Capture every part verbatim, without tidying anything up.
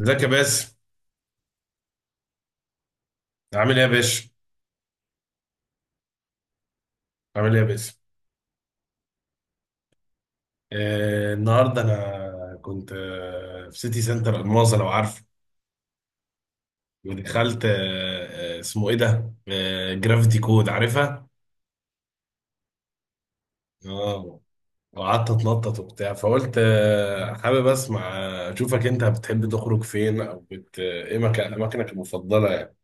ازيك يا باسم؟ عامل ايه يا باشا؟ عامل ايه يا باسم؟ آه النهارده انا كنت آه في سيتي سنتر الماظة لو عارف. ودخلت آه آه، اسمه ايه ده؟ آه جرافيتي كود، عارفها؟ اه. وقعدت اتنطط وبتاع، فقلت آه حابب اسمع، آه، اشوفك انت بتحب تخرج فين، او بت آه، ايه مكان اماكنك المفضله يعني؟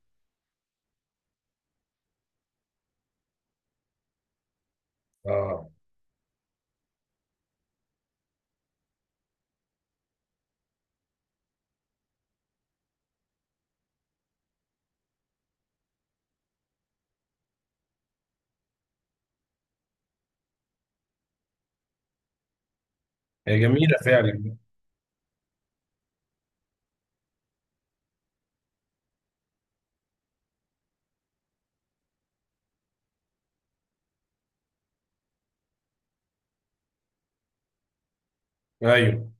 اه. هي جميله فعلا. ايوه،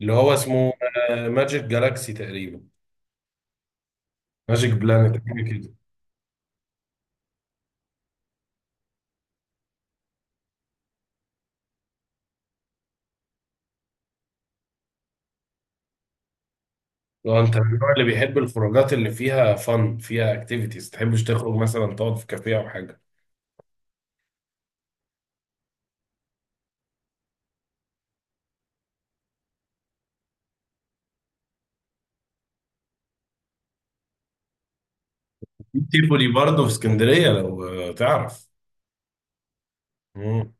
اللي هو اسمه آه ماجيك جالاكسي تقريبا. ماجيك بلانت حاجه كده. لو انت من النوع اللي بيحب الخروجات اللي فيها فن، فيها اكتيفيتيز، تحبش تخرج مثلا تقعد في كافيه او حاجه؟ في تيفولي برضه في اسكندريه لو تعرف. مم.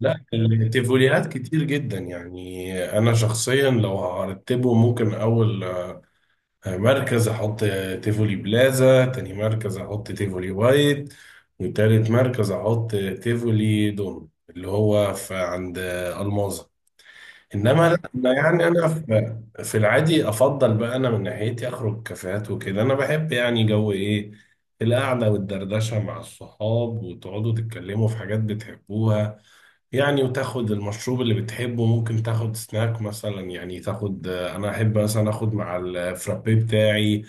لا، التيفوليات كتير جدا يعني. انا شخصيا لو هرتبه، ممكن اول مركز احط تيفولي بلازا، تاني مركز احط تيفولي وايت، وتالت مركز احط تيفولي دوم اللي هو في عند الماظة. انما لا، أنا يعني انا في في العادي افضل بقى. انا من ناحيتي اخرج كافيهات وكده. انا بحب يعني جو ايه؟ القعده والدردشه مع الصحاب، وتقعدوا تتكلموا في حاجات بتحبوها يعني، وتاخد المشروب اللي بتحبه، ممكن تاخد سناك مثلا. يعني تاخد، انا احب مثلا اخد مع الفرابي بتاعي،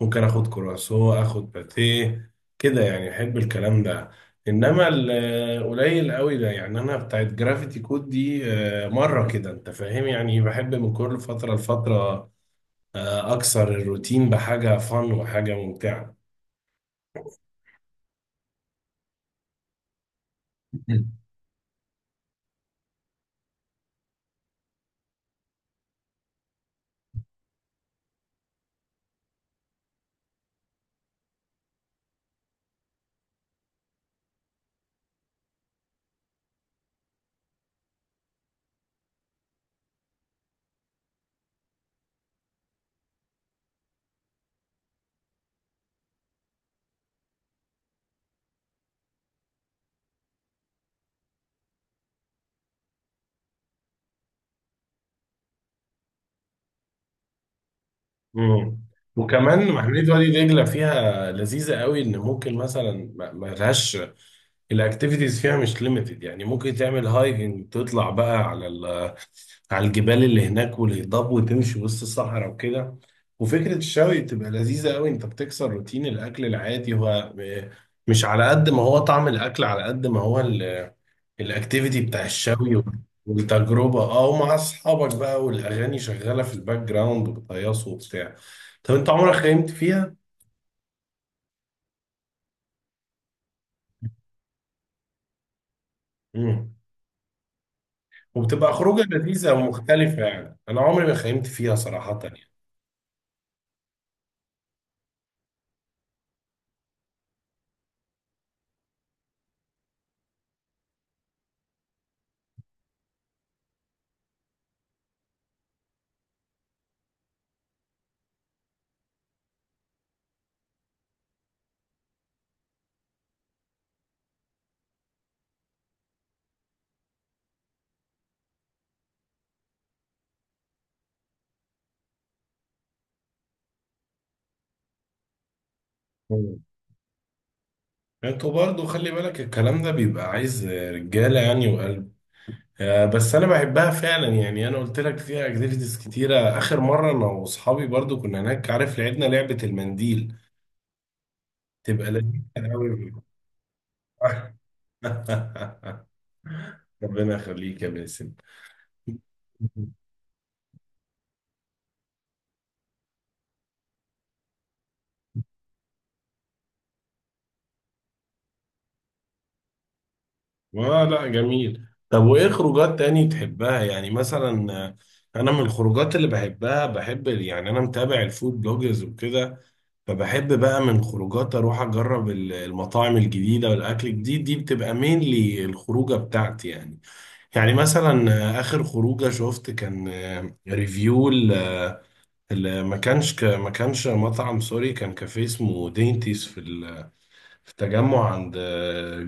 ممكن اخد كرواسو، اخد باتيه، كده يعني. احب الكلام ده. انما القليل قوي ده، يعني انا بتاعت جرافيتي كود دي، آه، مره كده، انت فاهم يعني، بحب من كل فتره لفتره آه، اكسر الروتين بحاجه فن وحاجه ممتعه. مم. وكمان محمية وادي دجلة فيها لذيذة قوي، ان ممكن مثلا ما ما لهاش، الاكتيفيتيز فيها مش ليميتد يعني. ممكن تعمل هايكنج، تطلع بقى على ال- على الجبال اللي هناك والهضاب، وتمشي وسط الصحراء وكده. وفكرة الشوي بتبقى لذيذة قوي. انت بتكسر روتين الاكل العادي. هو م- مش على قد ما هو طعم الاكل، على قد ما هو الاكتيفيتي بتاع الشوي والتجربه. اه، ومع اصحابك بقى والاغاني شغاله في الباك جراوند وبتهيصوا وبتاع. طب انت عمرك خيمت فيها؟ امم وبتبقى خروجه لذيذه ومختلفه يعني. انا عمري ما خيمت فيها صراحه يعني. مم. انتوا برضو خلي بالك، الكلام ده بيبقى عايز رجاله يعني وقلب. آه، بس انا بحبها فعلا يعني. انا قلت لك فيها اكتيفيتيز كتيره. اخر مره انا واصحابي برضو كنا هناك، عارف، لعبنا لعبه المنديل، تبقى لذيذه قوي. ربنا يخليك يا باسم. اه، لا جميل. طب وايه خروجات تاني تحبها يعني؟ مثلا آه، انا من الخروجات اللي بحبها، بحب يعني، انا متابع الفود بلوجرز وكده، فبحب بقى من خروجات اروح اجرب ال- المطاعم الجديده والاكل الجديد. دي بتبقى مينلي الخروجه بتاعتي يعني. يعني مثلا آه، اخر خروجه شفت كان ريفيو. ما كانش ك- ما كانش مطعم سوري، كان كافيه اسمه دينتيس في في تجمع عند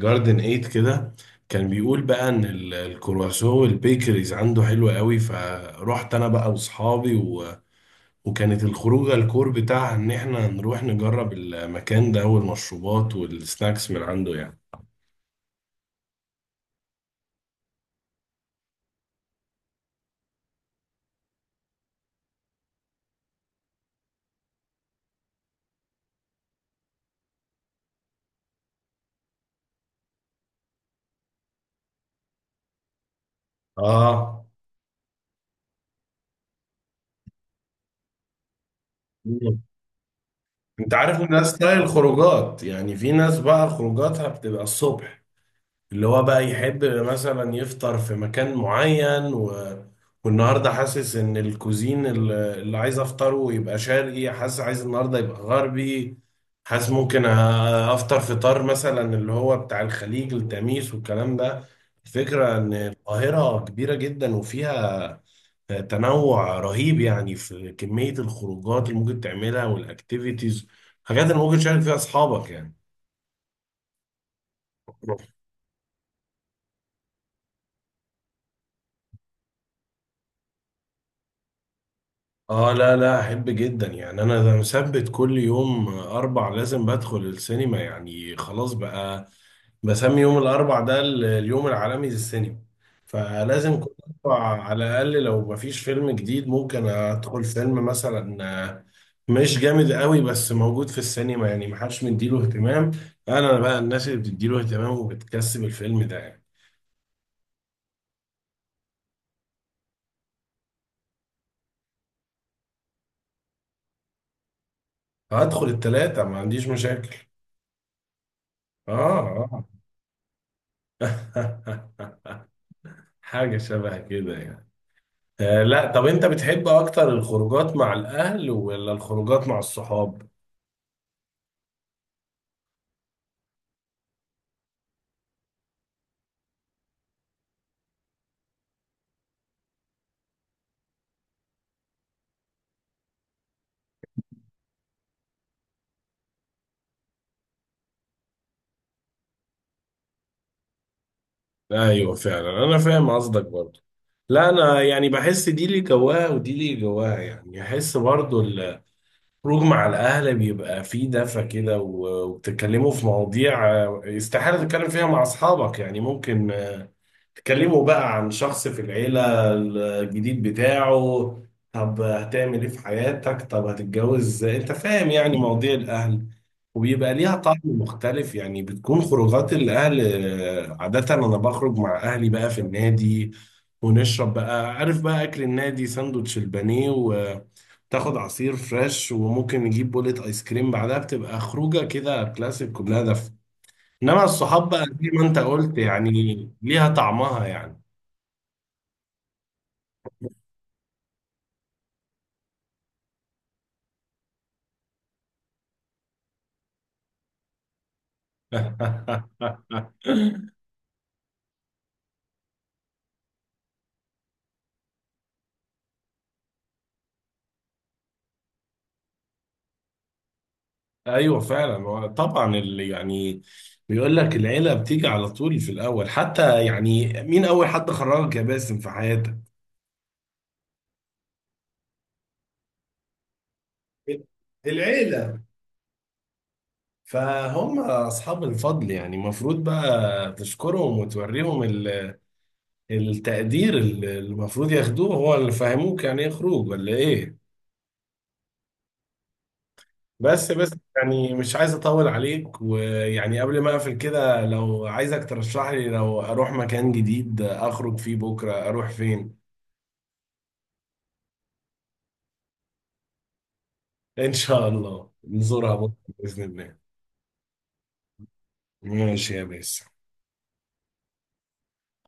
جاردن تمانية كده. كان بيقول بقى ان ال- الكرواسو والبيكريز عنده حلو قوي، فروحت انا بقى واصحابي و، وكانت الخروجه الكور بتاعها ان احنا نروح نجرب المكان ده والمشروبات والسناكس من عنده يعني. اه. انت عارف ان ده ستايل خروجات، يعني في ناس بقى خروجاتها بتبقى الصبح، اللي هو بقى يحب مثلا يفطر في مكان معين، و، والنهارده حاسس ان الكوزين ال- اللي عايز افطره يبقى شرقي، حاسس عايز النهارده يبقى غربي، حاسس ممكن أ- افطر فطار مثلا اللي هو بتاع الخليج، التميس والكلام ده. الفكرة ان القاهرة كبيرة جدا، وفيها تنوع رهيب يعني في كمية الخروجات اللي ممكن تعملها، والاكتيفيتيز، حاجات اللي ممكن تشارك فيها اصحابك يعني. اه لا لا، احب جدا يعني. انا ده مثبت كل يوم اربع لازم بدخل السينما يعني. خلاص بقى، بسمي يوم الاربع ده ال- اليوم العالمي للسينما، فلازم كل اربع على الاقل. لو مفيش فيلم جديد، ممكن ادخل فيلم مثلا آه، مش جامد قوي بس موجود في السينما، يعني محدش مديله اهتمام. انا بقى الناس اللي بتديله اهتمام وبتكسب الفيلم ده يعني. هدخل التلاتة ما عنديش مشاكل. اه. اه. حاجة شبه كده يعني. آه لا، طب انت بتحب اكتر الخروجات مع الاهل ولا الخروجات مع الصحاب؟ ايوه فعلا، انا فاهم قصدك برضو. لا انا يعني بحس دي لي جواها ودي لي جواها يعني. احس برضو الخروج مع الاهل بيبقى فيه دفى كده و- وبتتكلموا في مواضيع آه، استحالة تتكلم فيها مع اصحابك يعني، ممكن تكلمه بقى عن شخص في العيلة، الجديد بتاعه، طب هتعمل ايه في حياتك، طب هتتجوز، انت فاهم يعني مواضيع الأهل، وبيبقى ليها طعم مختلف يعني. بتكون خروجات الأهل آه، عادة أنا بخرج مع أهلي بقى في النادي، ونشرب بقى، عارف بقى، أكل النادي ساندوتش البانيه، وتاخد عصير فريش، وممكن نجيب بولة آيس كريم بعدها. بتبقى خروجة كده كلاسيك كلها دفء. انما الصحاب بقى زي ما انت قلت يعني، ليها طعمها يعني. ايوه فعلا. هو طبعا اللي يعني بيقول لك العيله بتيجي على طول في الاول حتى يعني. مين اول حد خرجك يا باسم في حياتك؟ العيله فهم اصحاب الفضل يعني، المفروض بقى تشكرهم وتوريهم ال- التقدير اللي المفروض ياخدوه، هو اللي فهموك يعني ايه خروج ولا ايه. بس بس، يعني مش عايز اطول عليك، ويعني قبل ما اقفل كده، لو عايزك ترشح لي لو اروح مكان جديد اخرج فيه بكره، اروح فين؟ ان شاء الله نزورها بكره باذن الله. ماشي يا باسم.